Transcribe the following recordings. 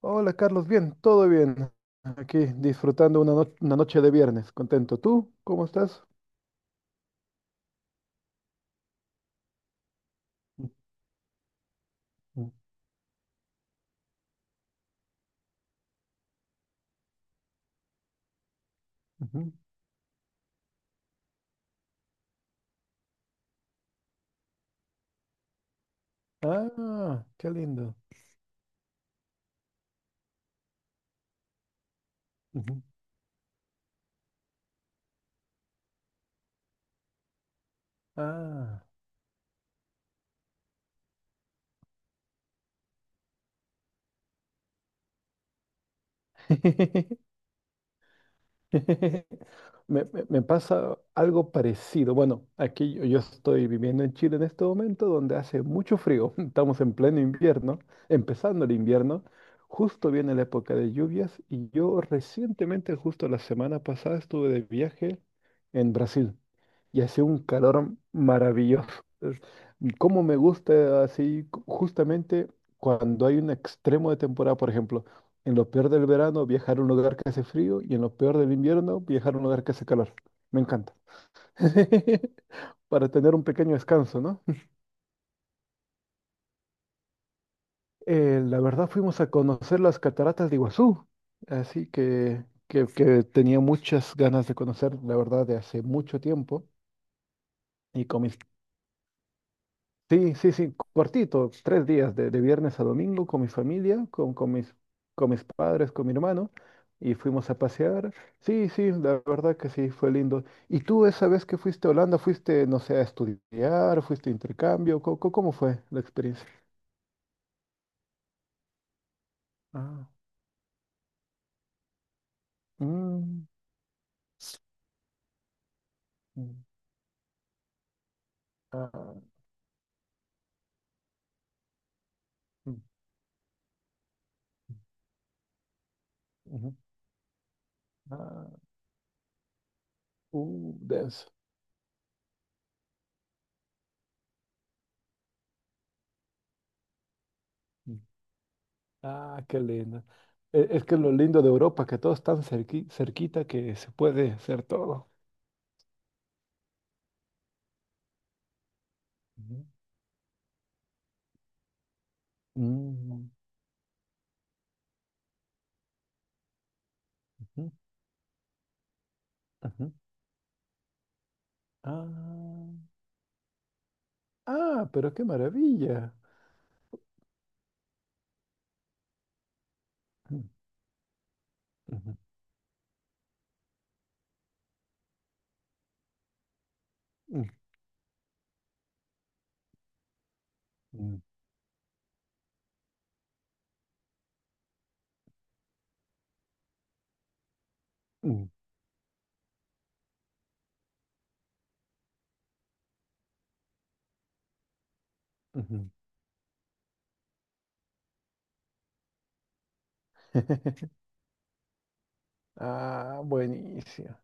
Hola Carlos, bien, todo bien. Aquí disfrutando una, no- una noche de viernes, contento. ¿Tú cómo estás? Ujú, ujú. Ah, qué lindo. Ujú. Ah. Me pasa algo parecido. Bueno, aquí yo estoy viviendo en Chile en este momento donde hace mucho frío. Estamos en pleno invierno, empezando el invierno. Justo viene la época de lluvias y yo recientemente, justo la semana pasada, estuve de viaje en Brasil y hace un calor maravilloso. Es- Cómo me gusta así justamente cuando hay un extremo de temporada, por ejemplo. En lo peor del verano, viajar a un lugar que hace frío y en lo peor del invierno, viajar a un lugar que hace calor. Me encanta. Para tener un pequeño descanso, ¿no? La verdad fuimos a conocer las cataratas de Iguazú, así que tenía muchas ganas de conocer, la verdad, de hace mucho tiempo. Y con mis sí, sí, sí, cortito, 3 días de, viernes a domingo con mi familia, con mis padres, con mi hermano, y fuimos a pasear. Sí, sí, la verdad que sí, fue lindo. ¿Y tú esa vez que fuiste a Holanda, fuiste, no sé, a estudiar, fuiste a intercambio? ¿Cómo fue la experiencia? Ah, mm, mm, ah, mm, mm, ujú, ah, denso. Mm. Ah, qué lindo. Es que lo lindo de Europa, que todo es tan cerquita que se puede hacer todo. Mm, ujú, ujú. Ah, ah, pero qué maravilla. Mm, ujú, mm, mm, mm, ujú. Ah, buenísimo.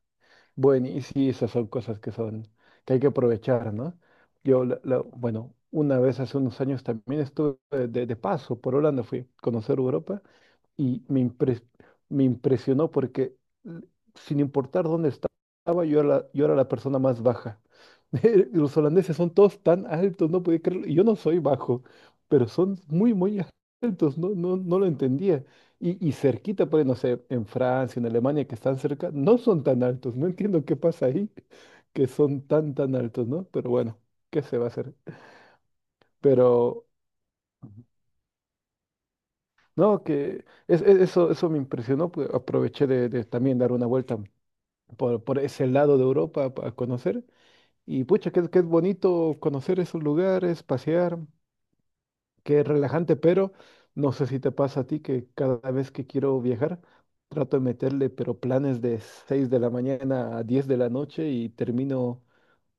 Buenísimo, esas son cosas que son, que hay que aprovechar, ¿no? Bueno, una vez hace unos años también estuve de, paso por Holanda, fui a conocer Europa y me impresionó porque l- sin importar dónde estaba, yo era la persona más baja. Los holandeses son todos tan altos, no podía creerlo. Y yo no soy bajo, pero son muy, muy altos, no, no, no lo entendía. Y cerquita, por ahí, no sé, en Francia, en Alemania, que están cerca, no son tan altos. No entiendo qué pasa ahí, que son tan, tan altos, ¿no? Pero bueno, ¿qué se va a hacer? Pero, no, que eso me impresionó, pues, aproveché de también dar una vuelta por ese lado de Europa a conocer. Y pucha, que es bonito conocer esos lugares, pasear, que es relajante, pero no sé si te pasa a ti que cada vez que quiero viajar, trato de meterle, pero planes de 6 de la mañana a 10 de la noche y termino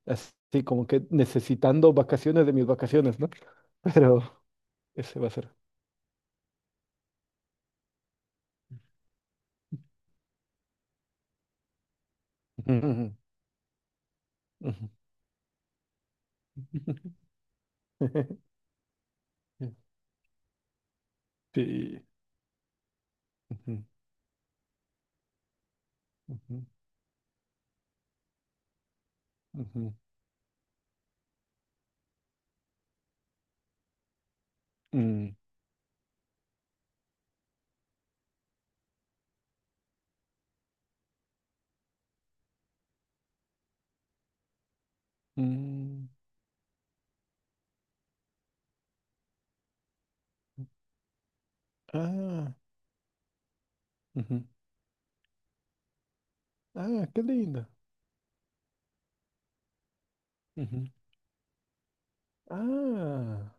así como que necesitando vacaciones de mis vacaciones, ¿no? Pero ese va a ser. Ujú, ujú. Ujú. Sí. Ujú, ujú, ujú. Mm, mm. Ah, ujú. Ah, qué lindo. Ujú. Ah,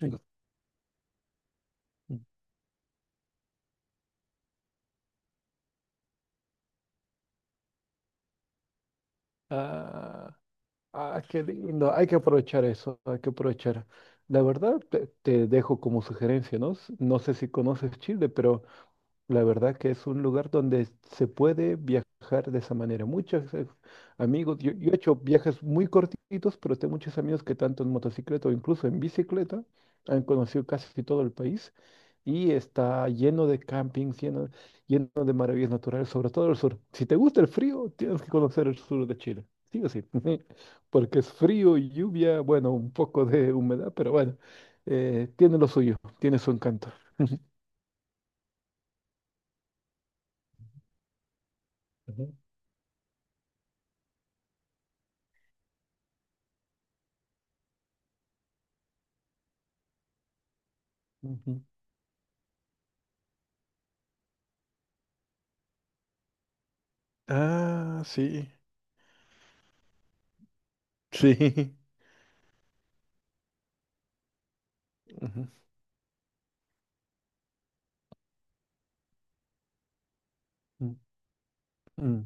rico. Ah, ah, qué lindo. Hay que aprovechar eso, hay que aprovechar. La verdad, te dejo como sugerencia, ¿no? No sé si conoces Chile, pero la verdad que es un lugar donde se puede viajar de esa manera. Muchos amigos, yo he hecho viajes muy cortitos, pero tengo muchos amigos que tanto en motocicleta o incluso en bicicleta han conocido casi todo el país. Y está lleno de campings, lleno, lleno de maravillas naturales, sobre todo el sur. Si te gusta el frío, tienes que conocer el sur de Chile. Sí o sí, porque es frío, lluvia, bueno, un poco de humedad, pero bueno, tiene lo suyo, tiene su encanto. Ujú. Ujú. Ah, sí. Sí. Ujú, mm, mm,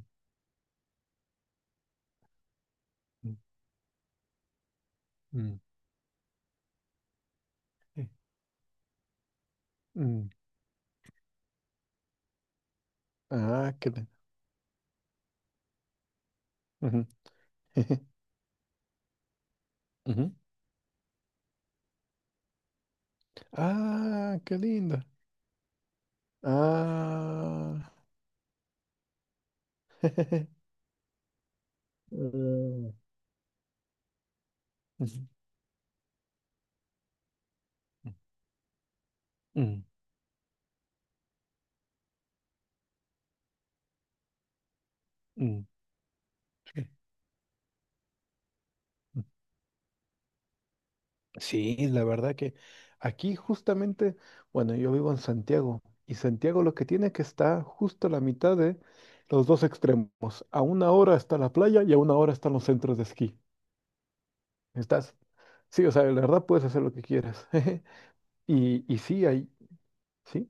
mm, mm, eh, mm, ah, qué lindo. Ujú, jeje, ujú. Ah, qué lindo. Ah. Jejeje. Ujú, ujú, ujú, sí. Sí, la verdad que aquí justamente, bueno, yo vivo en Santiago y Santiago lo que tiene que está justo a la mitad de los dos extremos. A una hora está la playa y a una hora están los centros de esquí. Estás, sí, o sea, la verdad puedes hacer lo que quieras. Y, y sí, hay, sí.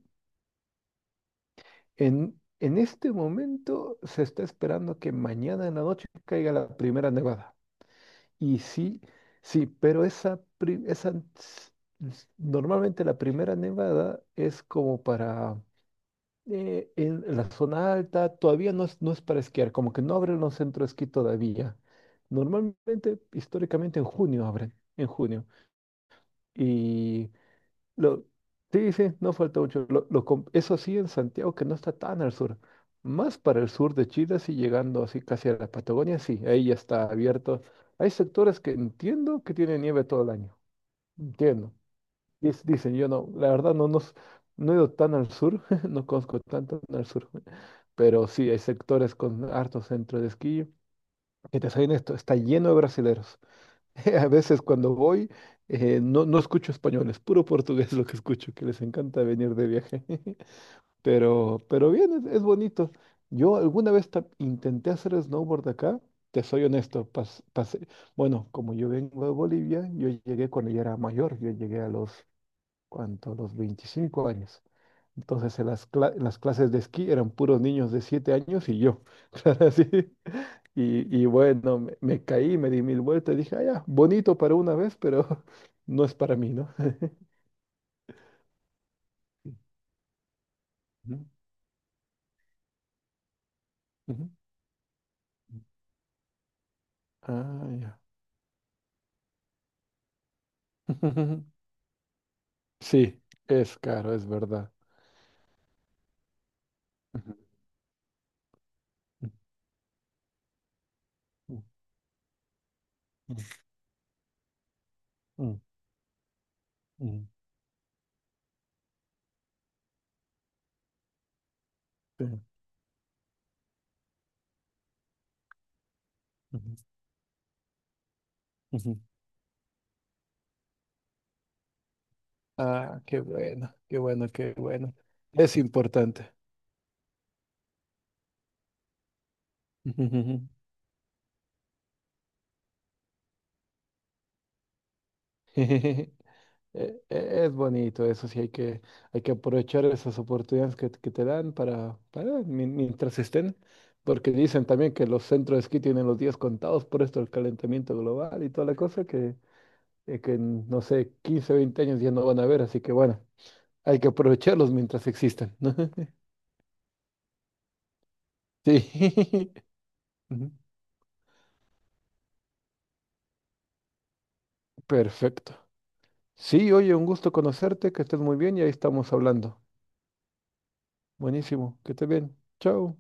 En este momento se está esperando que mañana en la noche caiga la primera nevada. Y sí, sí, pero esa, pri- esa s- s- normalmente la primera nevada es como para en la zona alta, todavía no es para esquiar, como que no abren los centros de esquí todavía. Normalmente, históricamente en junio abren, en junio. Lo, sí, sí, no falta mucho. Eso sí, en Santiago, que no está tan al sur. Más para el sur de Chile, así llegando así casi a la Patagonia, sí, ahí ya está abierto. Hay sectores que entiendo que tienen nieve todo el año. Entiendo. Dicen, yo no, la verdad no, no he ido tan al sur, no conozco tanto al sur. Pero sí, hay sectores con hartos centros de esquí que te salen esto, está lleno de brasileros. A veces cuando voy, no, no escucho español, es puro portugués lo que escucho, que les encanta venir de viaje. Pero, bien, es, bonito. Yo alguna vez intenté hacer snowboard acá, te soy honesto, pasé- Bueno, como yo vengo de Bolivia, yo llegué cuando ya era mayor, yo llegué a los, ¿cuánto? Los 25 años. Entonces en las clases de esquí eran puros niños de 7 años y yo. Claro, así. Y bueno, me caí, me di mil vueltas, dije, ah, ya, bonito para una vez, pero no es para mí, ¿no? Ujú, ujú. Ah, ya. Sí, es caro, es verdad. Ujú, ujú, ujú, ujú, ujú, sí, ujú, ujú. Ah, qué bueno, qué bueno, qué bueno. Es importante. Ujú, ujú. Es bonito, eso sí, hay que, aprovechar esas oportunidades que te dan para, mientras estén, porque dicen también que los centros de esquí tienen los días contados por esto del calentamiento global y toda la cosa que en, no sé, 15, 20 años ya no van a ver, así que bueno, hay que aprovecharlos mientras existan, ¿no? Sí, ujú. Perfecto. Sí, oye, un gusto conocerte, que estés muy bien y ahí estamos hablando. Buenísimo, que estés bien. Chao.